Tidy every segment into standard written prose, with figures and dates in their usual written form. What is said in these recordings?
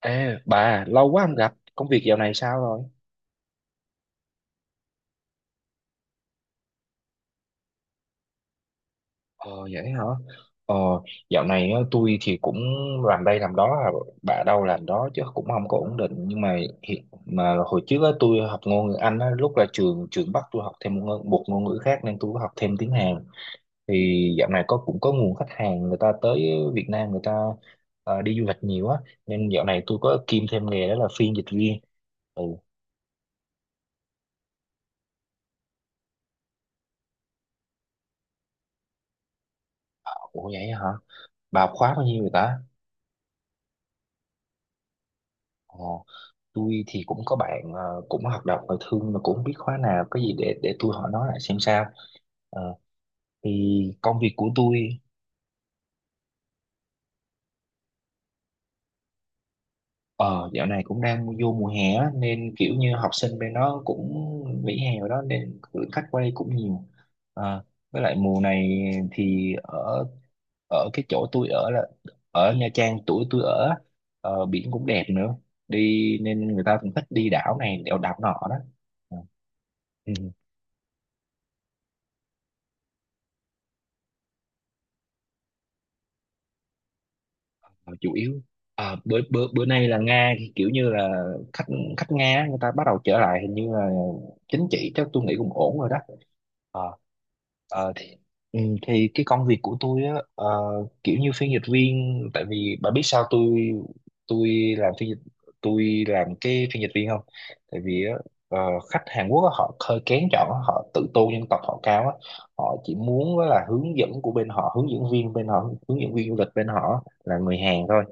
Ê, bà, lâu quá không gặp, công việc dạo này sao rồi? Ờ, vậy hả? Ờ, dạo này á, tôi thì cũng làm đây làm đó, bà đâu làm đó chứ cũng không có ổn định. Nhưng mà hồi trước á, tôi học ngôn ngữ Anh á, lúc là trường trường bắt tôi học thêm một ngôn ngữ khác nên tôi có học thêm tiếng Hàn. Thì dạo này có nguồn khách hàng người ta tới Việt Nam người ta đi du lịch nhiều á, nên dạo này tôi có kiêm thêm nghề đó là phiên dịch viên. Ừ, ủa vậy hả? Bà học khóa bao nhiêu rồi ta? Ờ. Tôi thì cũng có bạn cũng hoạt động ngoại thương mà cũng không biết khóa nào có gì để tôi hỏi nó lại xem sao. Ờ, thì công việc của tôi ờ, dạo này cũng đang vô mùa hè á, nên kiểu như học sinh bên đó cũng nghỉ hè rồi đó nên lượng khách qua đây cũng nhiều. Ờ, với lại mùa này thì ở ở cái chỗ tôi ở là ở Nha Trang tuổi tôi ở á, biển cũng đẹp nữa đi nên người ta cũng thích đi đảo này đèo đảo nọ đó. Ừ. Ờ, chủ yếu. Ờ, bữa bữa bữa nay là Nga thì kiểu như là khách khách Nga á, người ta bắt đầu trở lại, hình như là chính trị chắc tôi nghĩ cũng ổn rồi đó. Ờ, ờ, thì, ừ, thì cái công việc của tôi á, kiểu như phiên dịch viên, tại vì bà biết sao tôi làm phiên dịch, tôi làm cái phiên dịch viên không, tại vì á, ờ, khách Hàn Quốc á, họ hơi kén chọn á, họ tự tôn dân tộc họ cao á, họ chỉ muốn á là hướng dẫn của bên họ, hướng dẫn viên bên họ, hướng dẫn viên du lịch bên họ là người Hàn thôi.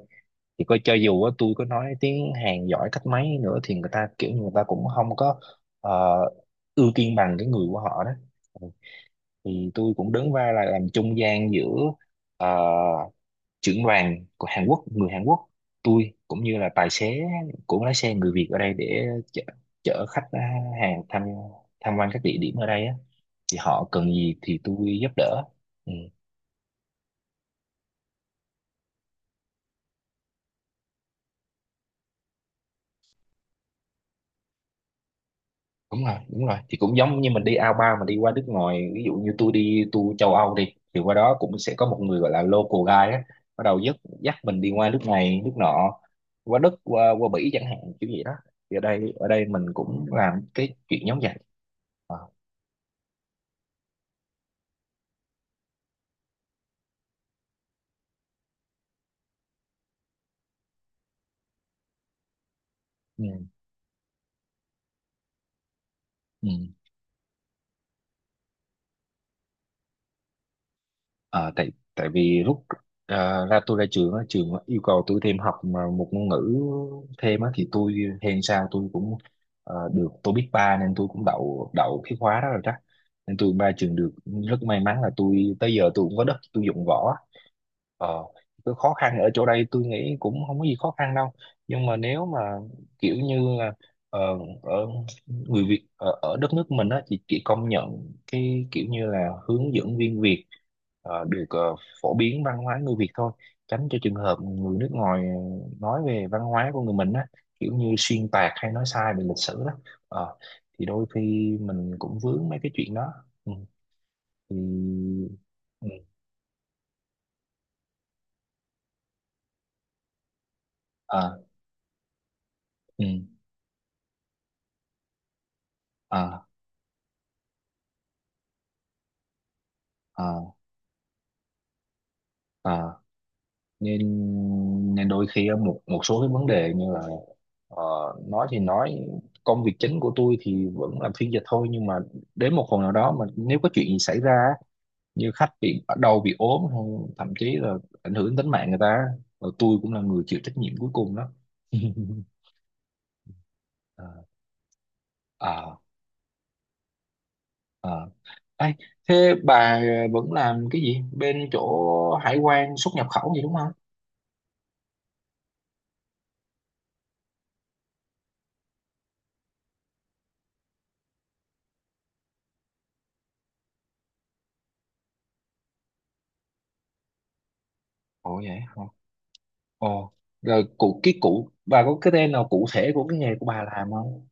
Thì coi cho dù á, tôi có nói tiếng Hàn giỏi cách mấy nữa thì người ta cũng không có ờ, ưu tiên bằng cái người của họ đó. Ừ. Thì tôi cũng đứng vai là làm trung gian giữa ờ, trưởng đoàn của Hàn Quốc, người Hàn Quốc, tôi cũng như là tài xế của lái xe người Việt ở đây để chở, chở khách Hàn tham tham quan các địa điểm ở đây á, thì họ cần gì thì tôi giúp đỡ. Ừ. Đúng rồi, đúng rồi, thì cũng giống như mình đi ao bao mà đi qua nước ngoài, ví dụ như tôi đi tour châu Âu đi thì qua đó cũng sẽ có một người gọi là local guide á, bắt đầu dắt dắt mình đi qua nước này nước nọ, qua Đức qua qua Bỉ chẳng hạn, kiểu vậy đó. Thì ở đây mình cũng làm cái chuyện giống vậy. Ờ. Ừ. Ừ. Ờ, tại tại vì lúc ra, tôi ra trường á, trường yêu cầu tôi thêm học mà một ngôn ngữ thêm á thì tôi, hèn sao tôi cũng được, tôi biết ba nên tôi cũng đậu đậu cái khóa đó rồi chắc, nên tôi ba trường được. Rất may mắn là tôi tới giờ tôi cũng có đất tôi dụng võ. Ờ, cái khó khăn ở chỗ đây tôi nghĩ cũng không có gì khó khăn đâu, nhưng mà nếu mà kiểu như là ờ, ở người Việt ở đất nước mình á thì chỉ công nhận cái kiểu như là hướng dẫn viên Việt được phổ biến văn hóa người Việt thôi, tránh cho trường hợp người nước ngoài nói về văn hóa của người mình á, kiểu như xuyên tạc hay nói sai về lịch sử đó. Ờ, thì đôi khi mình cũng vướng mấy cái chuyện đó. Ừ. Thì. Ừ. À. Ừ. À, à, à, nên nên đôi khi á, một một số cái vấn đề như là ờ, nói thì nói, công việc chính của tôi thì vẫn làm phiên dịch thôi, nhưng mà đến một phần nào đó mà nếu có chuyện gì xảy ra á, như khách bị ở đầu bị ốm hay thậm chí là ảnh hưởng tính mạng người ta rồi, tôi cũng là người chịu trách nhiệm cuối cùng đó. à, à, à. Ê, thế bà vẫn làm cái gì bên chỗ hải quan xuất nhập khẩu gì đúng không? Ồ vậy. Ồ, rồi cụ cái cụ bà có cái tên nào cụ thể của cái nghề của bà làm không?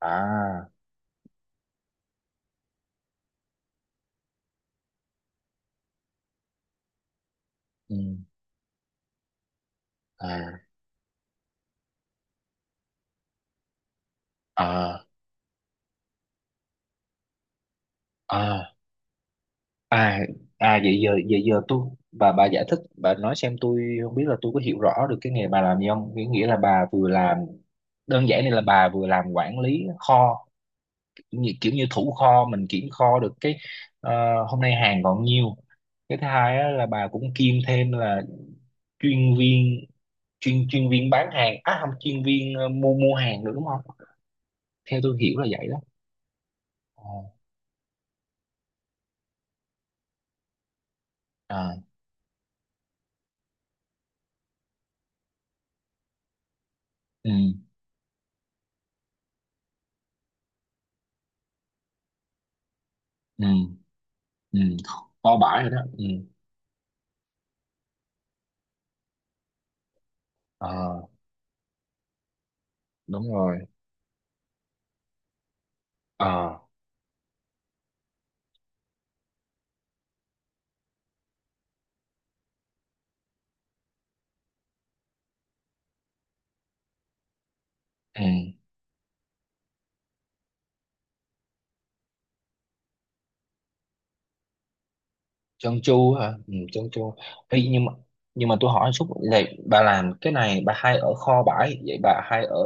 À, ừ, à, à, à, à, à vậy giờ tôi, bà giải thích bà nói xem tôi không biết là tôi có hiểu rõ được cái nghề bà làm gì không? Nghĩa Nghĩa là bà vừa làm đơn giản này, là bà vừa làm quản lý kho, kiểu như, thủ kho, mình kiểm kho được cái ờ, hôm nay hàng còn nhiêu. Cái thứ hai á, là bà cũng kiêm thêm là chuyên viên chuyên chuyên viên bán hàng, à không, chuyên viên mua mua hàng nữa đúng không, theo tôi hiểu là vậy đó. Ồ, à, ừ, ừ, ừ. Kho bãi rồi đó, ừ. Ờ, đúng rồi. Ờ, ừ. Chân chu hả, ừ, chân chu. Ê, nhưng mà tôi hỏi chút, vậy bà làm cái này bà hay ở kho bãi, vậy bà hay ở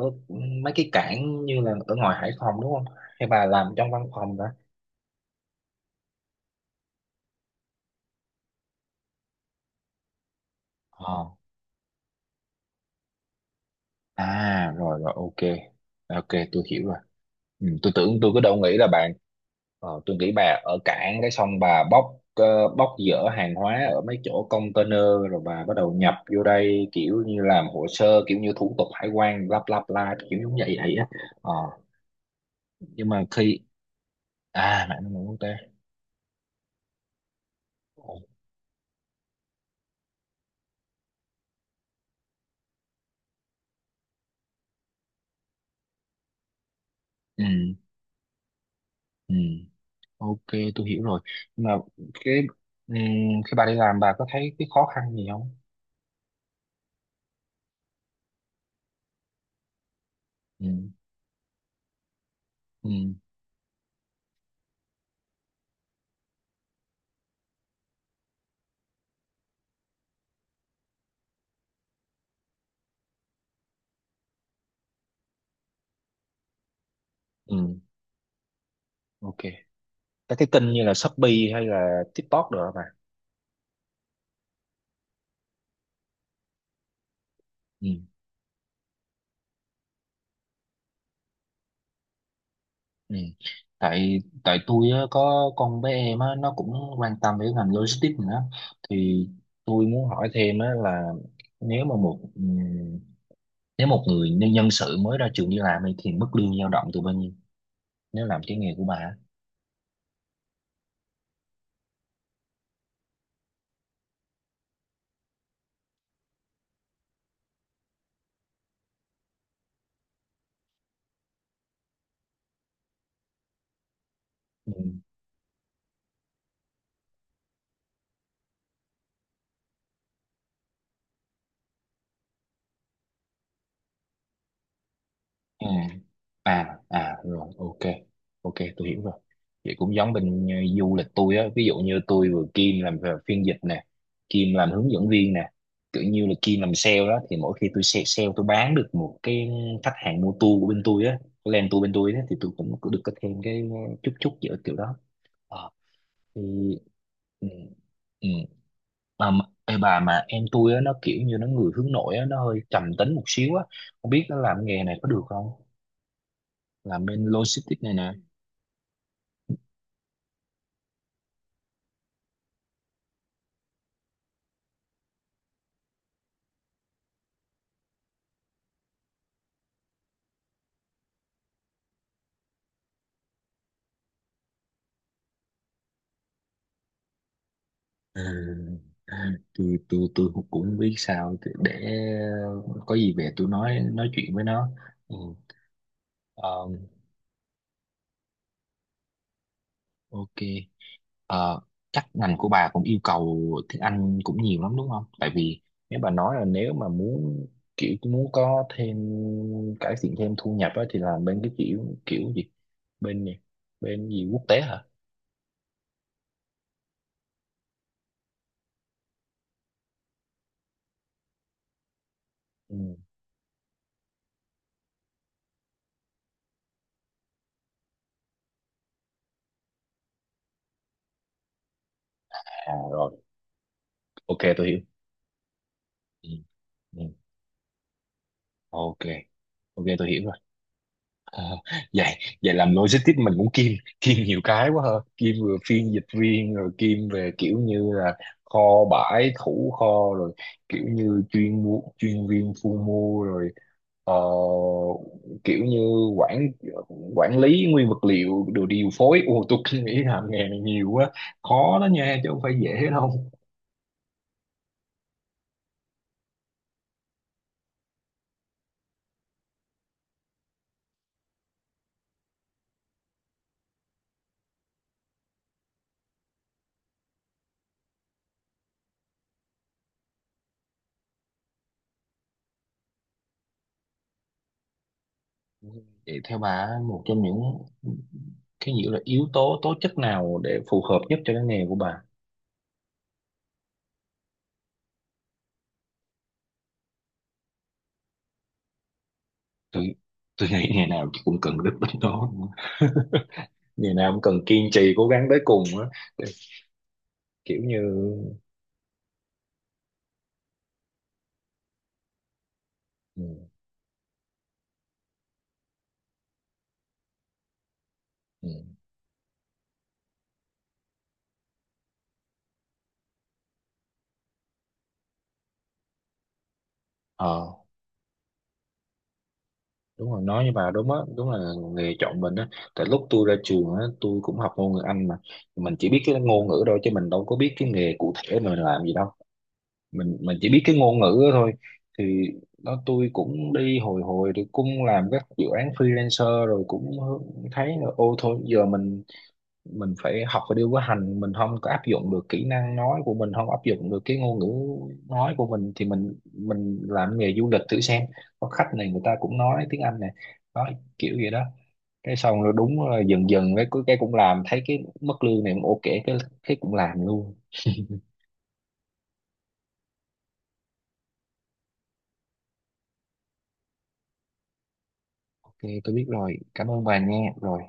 mấy cái cảng như là ở ngoài Hải Phòng đúng không, hay bà làm trong văn phòng đó? Ờ. À rồi rồi, ok. Ok, tôi hiểu rồi. Ừ, tôi tưởng, tôi cứ đâu nghĩ là bạn tôi nghĩ bà ở cảng cái xong bà bóc bóc dỡ hàng hóa ở mấy chỗ container rồi bà bắt đầu nhập vô đây, kiểu như làm hồ sơ, kiểu như thủ tục hải quan lắp lắp la kiểu giống vậy vậy á. Ờ, nhưng mà khi à, mạng năng lượng quốc tế. Ừ, ừ, ok tôi hiểu rồi. Nhưng mà cái ừ, khi bà đi làm bà có thấy cái khó khăn gì không? Ừ, ừ, ừ, ok. Các cái kênh như là Shopee hay là TikTok được mà, ừ. Ừ. tại tại tôi á, có con bé em á, nó cũng quan tâm đến ngành logistics nữa, thì tôi muốn hỏi thêm á, là nếu mà một nếu một người nhân nhân sự mới ra trường đi làm ấy, thì mức lương dao động từ bao nhiêu nếu làm cái nghề của bà á. Ừ. Ừ. À à rồi ok, ok tôi hiểu rồi, vậy cũng giống bên du lịch tôi á, ví dụ như tôi vừa Kim làm về phiên dịch nè, Kim làm hướng dẫn viên nè, kiểu như là Kim làm sale đó, thì mỗi khi tôi sale, tôi bán được một cái, khách hàng mua tour của bên tôi á, cái land tour bên tôi á, thì tôi cũng cũng được có thêm cái chút chút giữa kiểu đó. Ờ, thì ừ, ừ. Mà- ê bà, mà em tôi á nó kiểu như nó người hướng nội á, nó hơi trầm tính một xíu á, không biết nó làm nghề này có được không, làm bên logistics này nè. À, à, tôi cũng cũng biết sao để có gì về tôi nói chuyện với nó, ừ. Ờ, ok. Ờ, chắc ngành của bà cũng yêu cầu tiếng Anh cũng nhiều lắm đúng không, tại vì nếu bà nói là nếu mà muốn kiểu muốn có thêm, cải thiện thêm thu nhập á, thì làm bên cái kiểu kiểu gì, bên gì bên gì quốc tế hả, ừ. À rồi ok tôi hiểu, ừ. Ừ. Ok, ok tôi hiểu. Ờ, vậy vậy làm logistics mình cũng kiêm kiêm nhiều cái quá ha, kiêm vừa phiên dịch viên rồi kiêm về kiểu như là kho bãi thủ kho, rồi kiểu như chuyên mua chuyên viên thu mua, rồi ờ, kiểu như quản quản lý nguyên vật liệu đồ điều phối, ô tôi cứ nghĩ làm nghề này nhiều quá, khó đó nha chứ không phải dễ đâu. Vậy theo bà một trong những cái nghĩa là yếu tố tố chất nào để phù hợp nhất cho cái nghề của bà? tôi tôi nghĩ ngày nào cũng cần đức tính đó, ngày nào cũng cần kiên trì cố gắng tới cùng á, kiểu như ừ, ừ. Ờ đúng rồi, nói như bà đúng á, đúng là nghề chọn mình á, tại lúc tôi ra trường á tôi cũng học ngôn ngữ Anh mà, mình chỉ biết cái ngôn ngữ thôi chứ mình đâu có biết cái nghề cụ thể mình làm gì đâu, mình chỉ biết cái ngôn ngữ đó thôi. Thì đó tôi cũng đi hồi hồi thì cũng làm các dự án freelancer rồi cũng thấy là ô thôi giờ mình phải học và điều có hành, mình không có áp dụng được kỹ năng nói của mình, không áp dụng được cái ngôn ngữ nói của mình thì mình làm nghề du lịch thử xem, có khách này người ta cũng nói tiếng Anh này, đó, kiểu gì đó, cái xong rồi đúng là dần dần cái cũng làm thấy cái mức lương này cũng ok, cái cũng làm luôn. Ok tôi biết rồi, cảm ơn bà nha, rồi,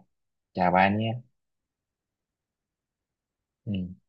chào bà nha. Ừ.